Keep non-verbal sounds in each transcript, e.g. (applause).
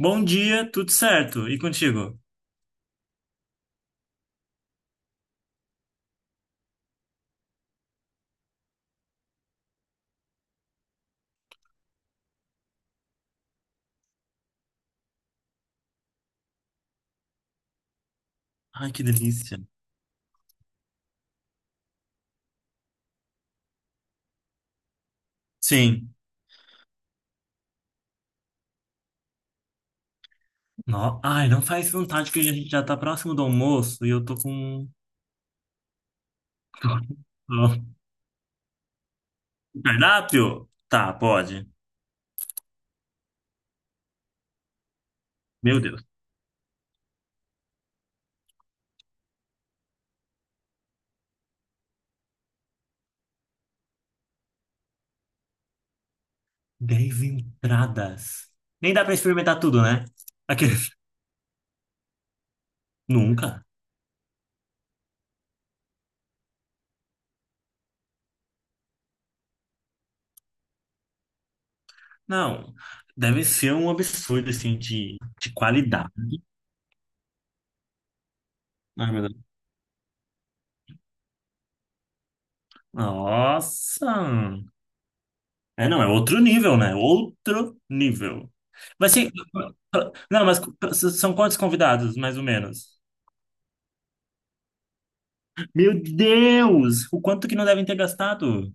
Bom dia, tudo certo? E contigo? Ai, que delícia. Sim. No... Ai, não faz vontade que a gente já tá próximo do almoço e eu tô com. (laughs) Ó, cardápio? Tá, pode. Meu Deus. Dez entradas. Nem dá pra experimentar tudo, né? Aqueles. (laughs) Nunca. Não. Deve ser um absurdo, assim, de qualidade. Ai, meu Deus. Nossa! É, não, é outro nível, né? Outro nível. Vai ser. Não, mas são quantos convidados, mais ou menos? Meu Deus! O quanto que não devem ter gastado?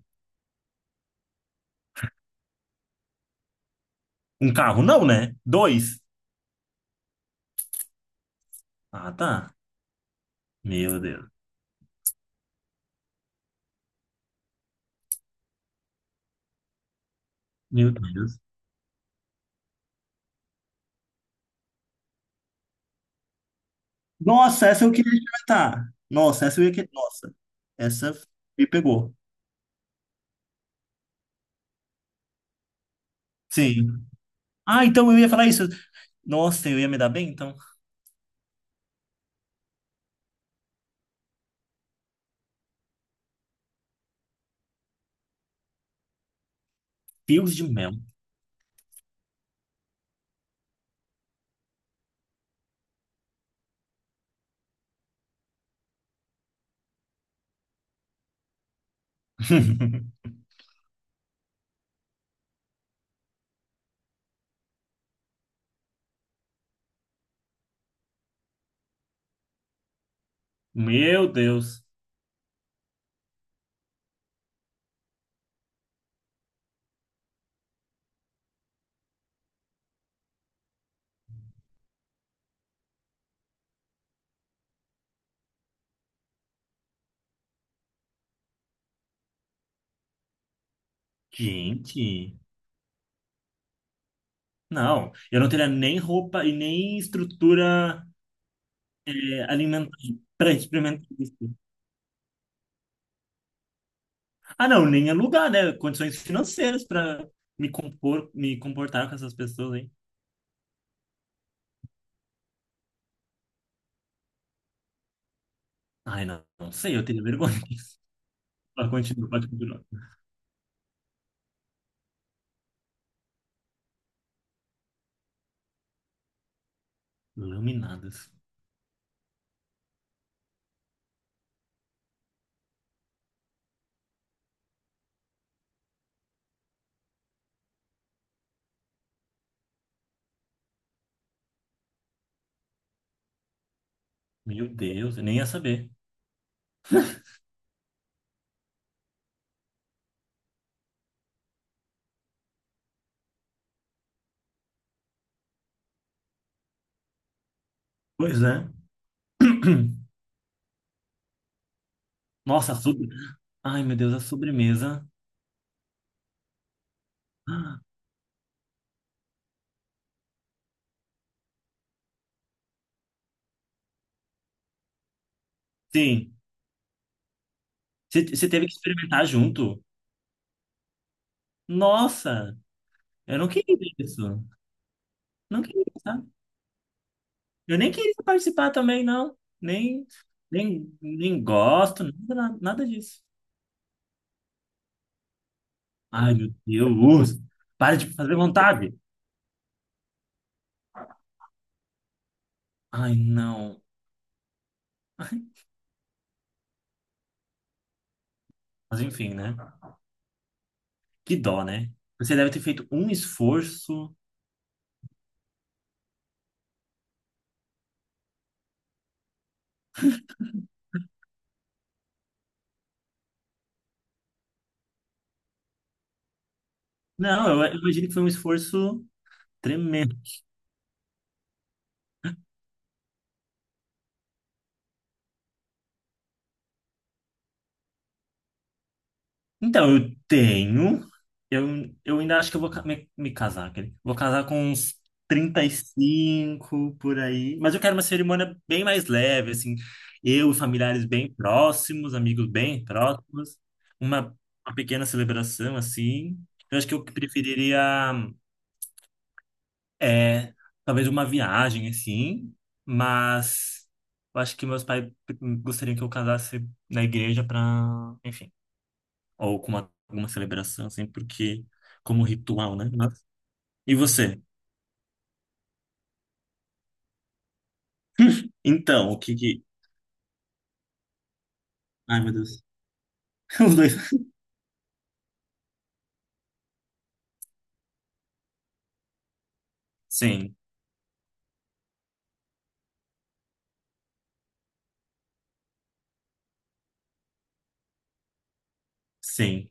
Um carro, não, né? Dois? Ah, tá. Meu Deus. Meu Deus. Nossa, essa eu queria experimentar. Nossa, essa eu ia querer. Nossa, essa me pegou. Sim. Ah, então eu ia falar isso. Nossa, eu ia me dar bem, então. Fios de mel. (laughs) Meu Deus. Gente. Não, eu não teria nem roupa e nem estrutura alimentar para experimentar isso. Ah, não, nem alugar, né? Condições financeiras para me comportar com essas pessoas aí. Ai, não, não sei, eu tenho vergonha disso. Pode continuar, pode continuar. Laminadas. Meu Deus, eu nem ia saber. Pois é. (clears throat) Nossa, a sobre... Ai, meu Deus, a sobremesa. Ah, sim. Você teve que experimentar junto? Nossa, eu não queria isso. Não queria, sabe? Eu nem queria participar também, não. Nem gosto, nada, nada disso. Ai, meu Deus! Para de fazer vontade! Ai, não. Mas enfim, né? Que dó, né? Você deve ter feito um esforço. Não, eu imagino que foi um esforço tremendo. Então, eu tenho. Eu ainda acho que eu me casar, quer dizer, vou casar com uns 35 por aí. Mas eu quero uma cerimônia bem mais leve, assim. Eu e familiares bem próximos, amigos bem próximos. Uma, uma pequena celebração, assim. Eu acho que eu preferiria, é, talvez uma viagem, assim. Mas eu acho que meus pais gostariam que eu casasse na igreja para, ou com uma, alguma celebração, assim, porque como ritual, né? Mas- E você? Então, o que que... Ai, meu Deus. (laughs) Os dois. Sim, sim,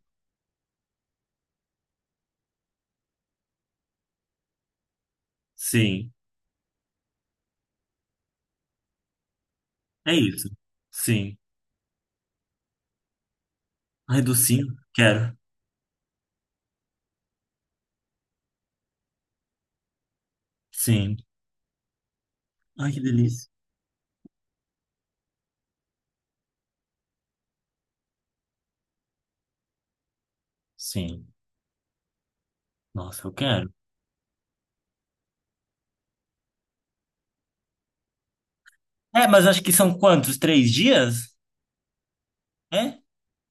sim. É isso. Sim. Ai, docinho? Quero. Sim. Ai, que delícia. Sim. Nossa, eu quero. É, mas acho que são quantos? 3 dias? É?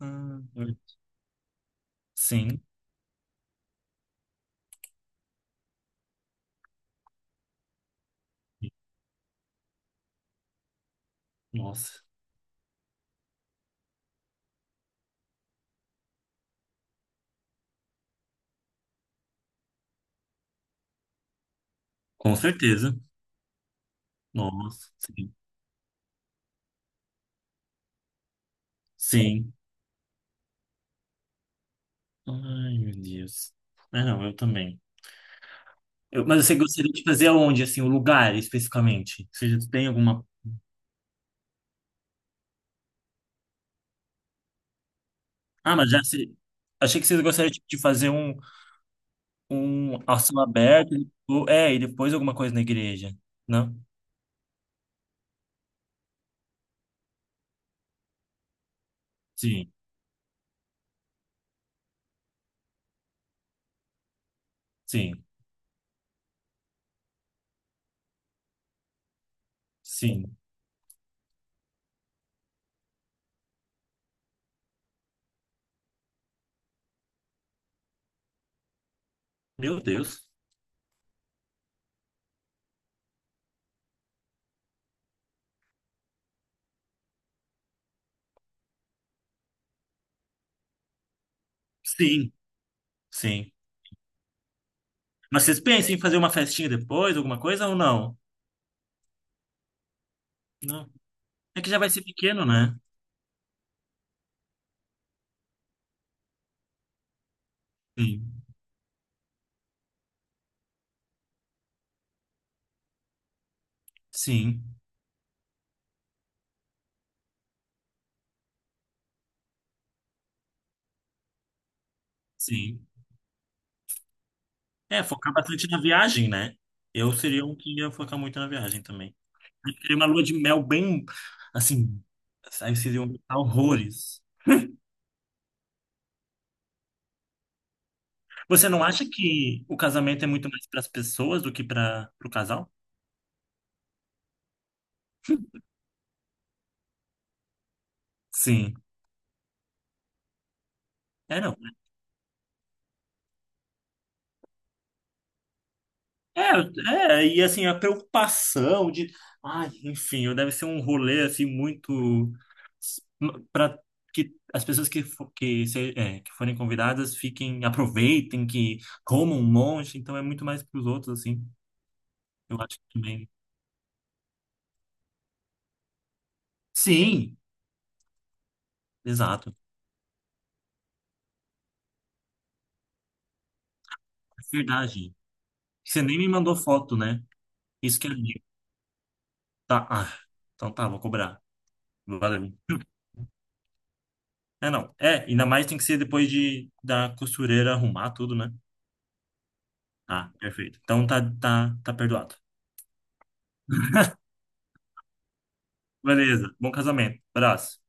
Hum, sim. Nossa. Com certeza. Nossa. Sim. Sim. Ai, meu Deus. É, não, eu também. Eu- mas você gostaria de fazer aonde, assim, o lugar especificamente? Você já tem alguma. Ah, mas já se... Achei que vocês gostariam tipo, de fazer um, um ao céu aberto, ou- é, e depois alguma coisa na igreja, não? Sim, sim, sim. Meu Deus. Sim, sim. Mas vocês pensam em fazer uma festinha depois, alguma coisa ou não? Não. É que já vai ser pequeno, né? Sim, sim, sim. É, focar bastante na viagem, né? Eu seria um que ia focar muito na viagem também. Eu queria uma lua de mel bem, assim, aí vocês iam gostar horrores. Você não acha que o casamento é muito mais para as pessoas do que para o casal? Sim. É, não. É, e assim, a preocupação de, ai, enfim, eu deve ser um rolê assim muito para que as pessoas que que forem convidadas fiquem, aproveitem, que comam um monte, então é muito mais para os outros assim. Eu acho que também. Sim, exato. É verdade. Você nem me mandou foto, né? Isso que é lindo. Tá, ah, então tá, vou cobrar. Valeu. É, não. É, ainda mais tem que ser depois de da costureira arrumar tudo, né? Ah, perfeito. Então tá, tá, tá perdoado. Beleza, bom casamento. Abraço.